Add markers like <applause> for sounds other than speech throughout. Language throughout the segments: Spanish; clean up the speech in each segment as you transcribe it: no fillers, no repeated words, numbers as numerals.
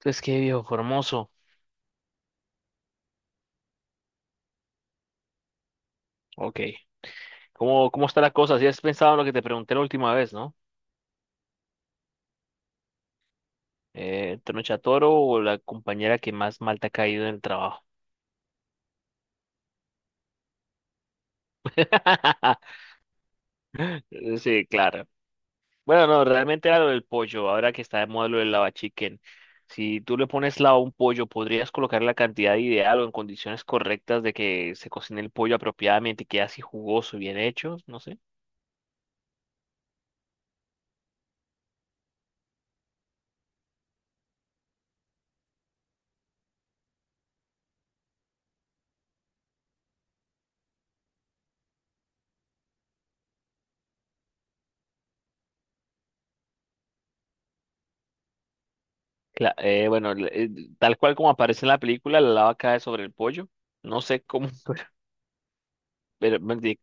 Entonces qué viejo Formoso. Ok. ¿Cómo está la cosa? Si has pensado en lo que te pregunté la última vez, ¿no? Eh, ¿Toro o la compañera que más mal te ha caído en el trabajo? <laughs> Sí, claro. Bueno, no, realmente era lo del pollo. Ahora que está de moda lo del lava chicken. Si tú le pones lava a un pollo, podrías colocar la cantidad ideal o en condiciones correctas de que se cocine el pollo apropiadamente y quede así jugoso, bien hecho. No sé. Bueno, tal cual como aparece en la película, la lava cae sobre el pollo. No sé cómo. <laughs> pero me di-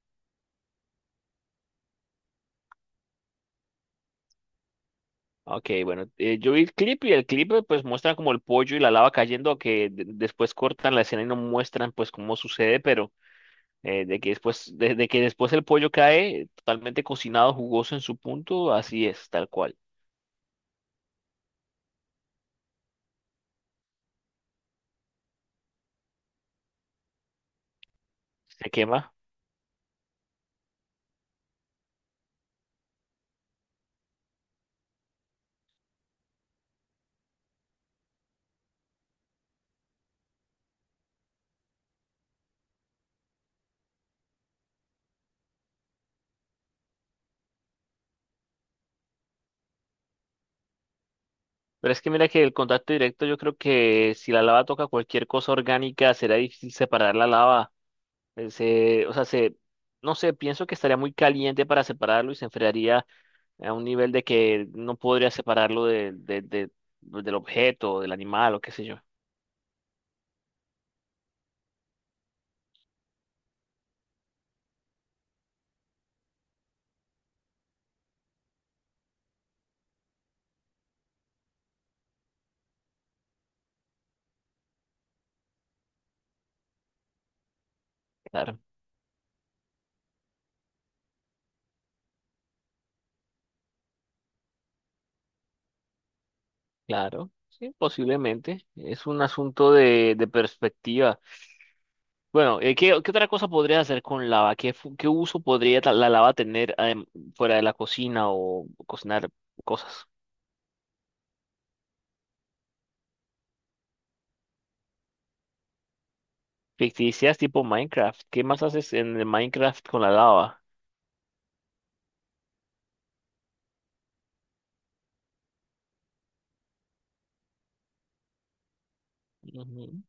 ok, bueno, yo vi el clip y el clip pues muestra como el pollo y la lava cayendo, que después cortan la escena y no muestran pues cómo sucede. Pero de que después el pollo cae totalmente cocinado, jugoso en su punto, así es, tal cual. Se quema. Pero es que mira que el contacto directo, yo creo que si la lava toca cualquier cosa orgánica, será difícil separar la lava, o sea, no sé, pienso que estaría muy caliente para separarlo y se enfriaría a un nivel de que no podría separarlo del objeto, del animal o qué sé yo. Claro, claro, sí, posiblemente. Es un asunto de, perspectiva. Bueno, ¿qué otra cosa podría hacer con lava? ¿Qué uso podría la lava tener, fuera de la cocina o cocinar cosas? Ficticias tipo Minecraft. ¿Qué más haces en el Minecraft con la lava? Ujú.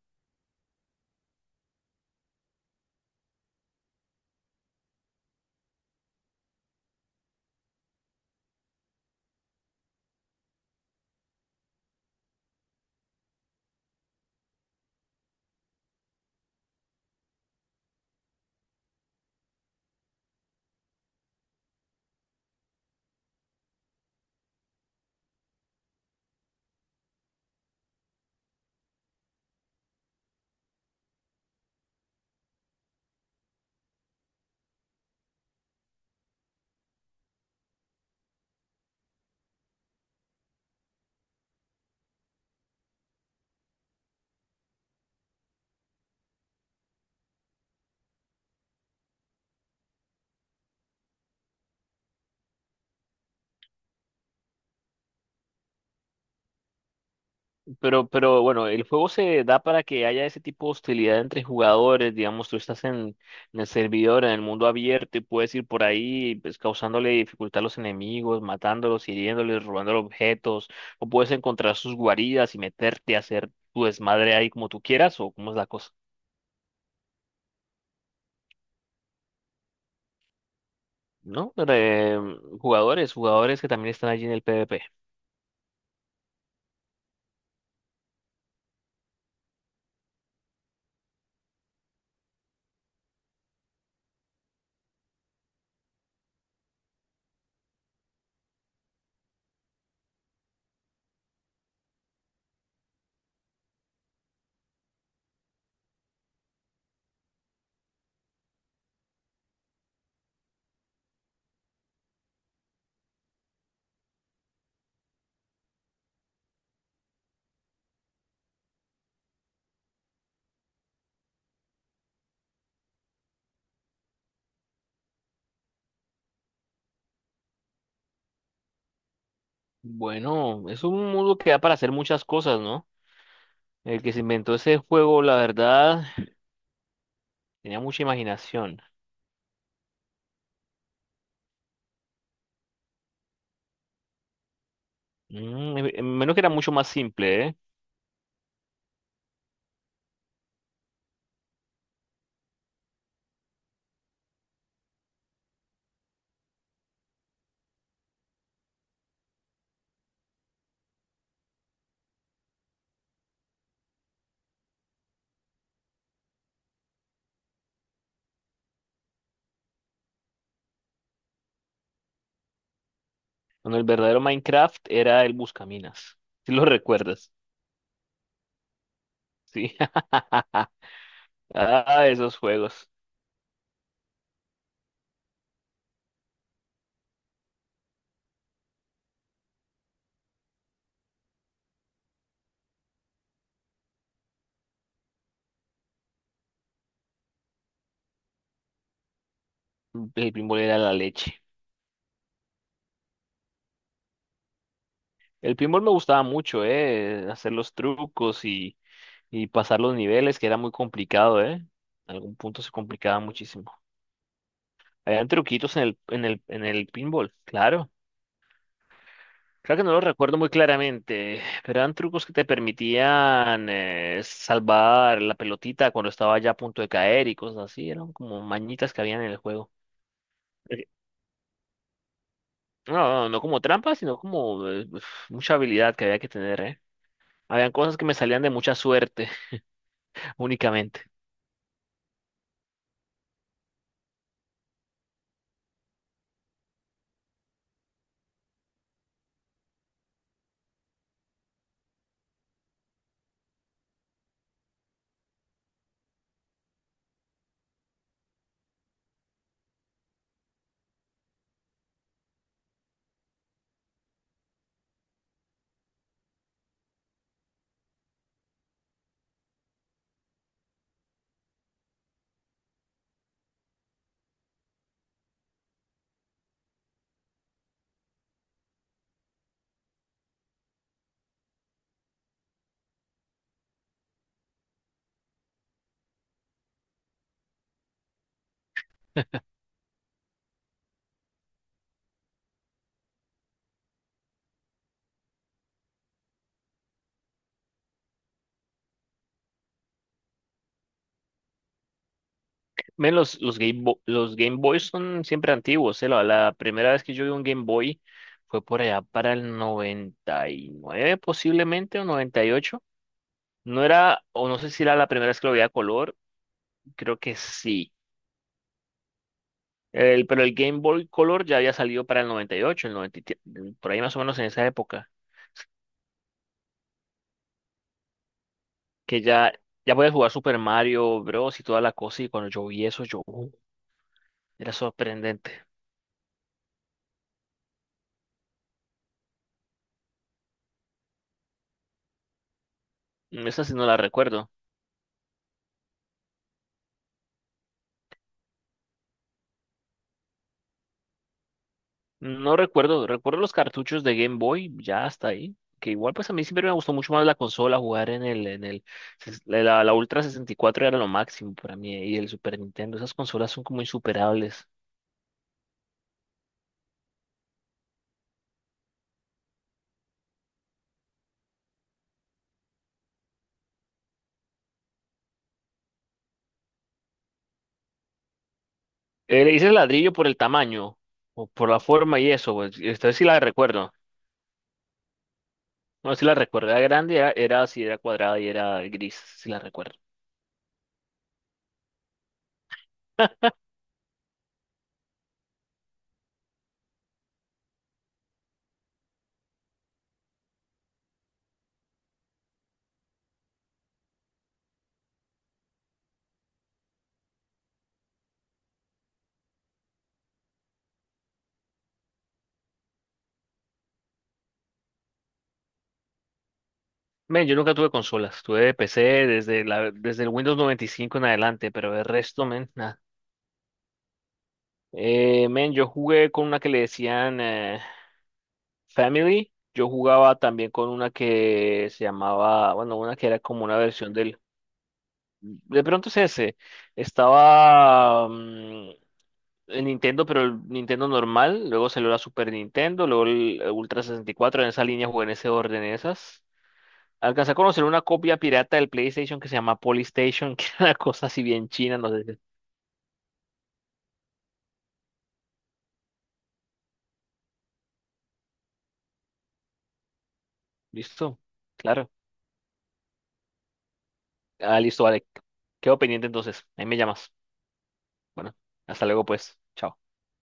Pero bueno, el juego se da para que haya ese tipo de hostilidad entre jugadores. Digamos, tú estás en el servidor, en el mundo abierto, y puedes ir por ahí, pues, causándole dificultad a los enemigos, matándolos, hiriéndoles, robando objetos, o puedes encontrar sus guaridas y meterte a hacer tu desmadre ahí como tú quieras, o cómo es la cosa, ¿no? Pero, jugadores, jugadores que también están allí en el PvP. Bueno, es un mundo que da para hacer muchas cosas, ¿no? El que se inventó ese juego, la verdad, tenía mucha imaginación. Menos que era mucho más simple, ¿eh? Cuando el verdadero Minecraft era el Buscaminas. <laughs> Si lo recuerdas. Sí. <laughs> Ah, esos juegos. El pinball era la leche. El pinball me gustaba mucho, ¿eh? Hacer los trucos y, pasar los niveles, que era muy complicado, ¿eh? En algún punto se complicaba muchísimo. Habían truquitos en el pinball, claro. Creo que no lo recuerdo muy claramente, pero eran trucos que te permitían, salvar la pelotita cuando estaba ya a punto de caer y cosas así. Eran como mañitas que habían en el juego. Eh, No, no, no como trampas, sino como, mucha habilidad que había que tener, ¿eh? Habían cosas que me salían de mucha suerte <laughs> únicamente. Men, los, los Game Boys son siempre antiguos, ¿eh? La primera vez que yo vi un Game Boy fue por allá para el 99, posiblemente, o 98. No era, o no sé si era la primera vez que lo veía a color, creo que sí. Pero el Game Boy Color ya había salido para el 98, el 97, por ahí más o menos en esa época, que ya, podías jugar Super Mario Bros. Y toda la cosa, y cuando yo vi eso, yo, era sorprendente". Esa sí no la recuerdo. No recuerdo, recuerdo los cartuchos de Game Boy, ya hasta ahí, que igual pues a mí siempre me gustó mucho más la consola, jugar en el, ses- la, la Ultra 64 era lo máximo para mí, y el Super Nintendo. Esas consolas son como insuperables. Le dices ladrillo por el tamaño o por la forma y eso, pues, esta sí la recuerdo. No, si la recuerdo, era grande, era así, era cuadrada y era gris, si la recuerdo. Men, yo nunca tuve consolas, tuve PC desde el Windows 95 en adelante, pero el resto, men, nada. Men, yo jugué con una que le decían, Family, yo jugaba también con una que se llamaba, bueno, una que era como una versión de pronto es ese, estaba, el Nintendo, pero el Nintendo normal, luego salió la Super Nintendo, luego el, Ultra 64. En esa línea jugué, en ese orden, esas. Alcancé a conocer una copia pirata del PlayStation que se llama Polystation, <laughs> que era una cosa así bien china, no sé. Si ¿Listo? Claro. Ah, listo, vale. Quedo pendiente entonces. Ahí me llamas. Bueno, hasta luego pues. Chao.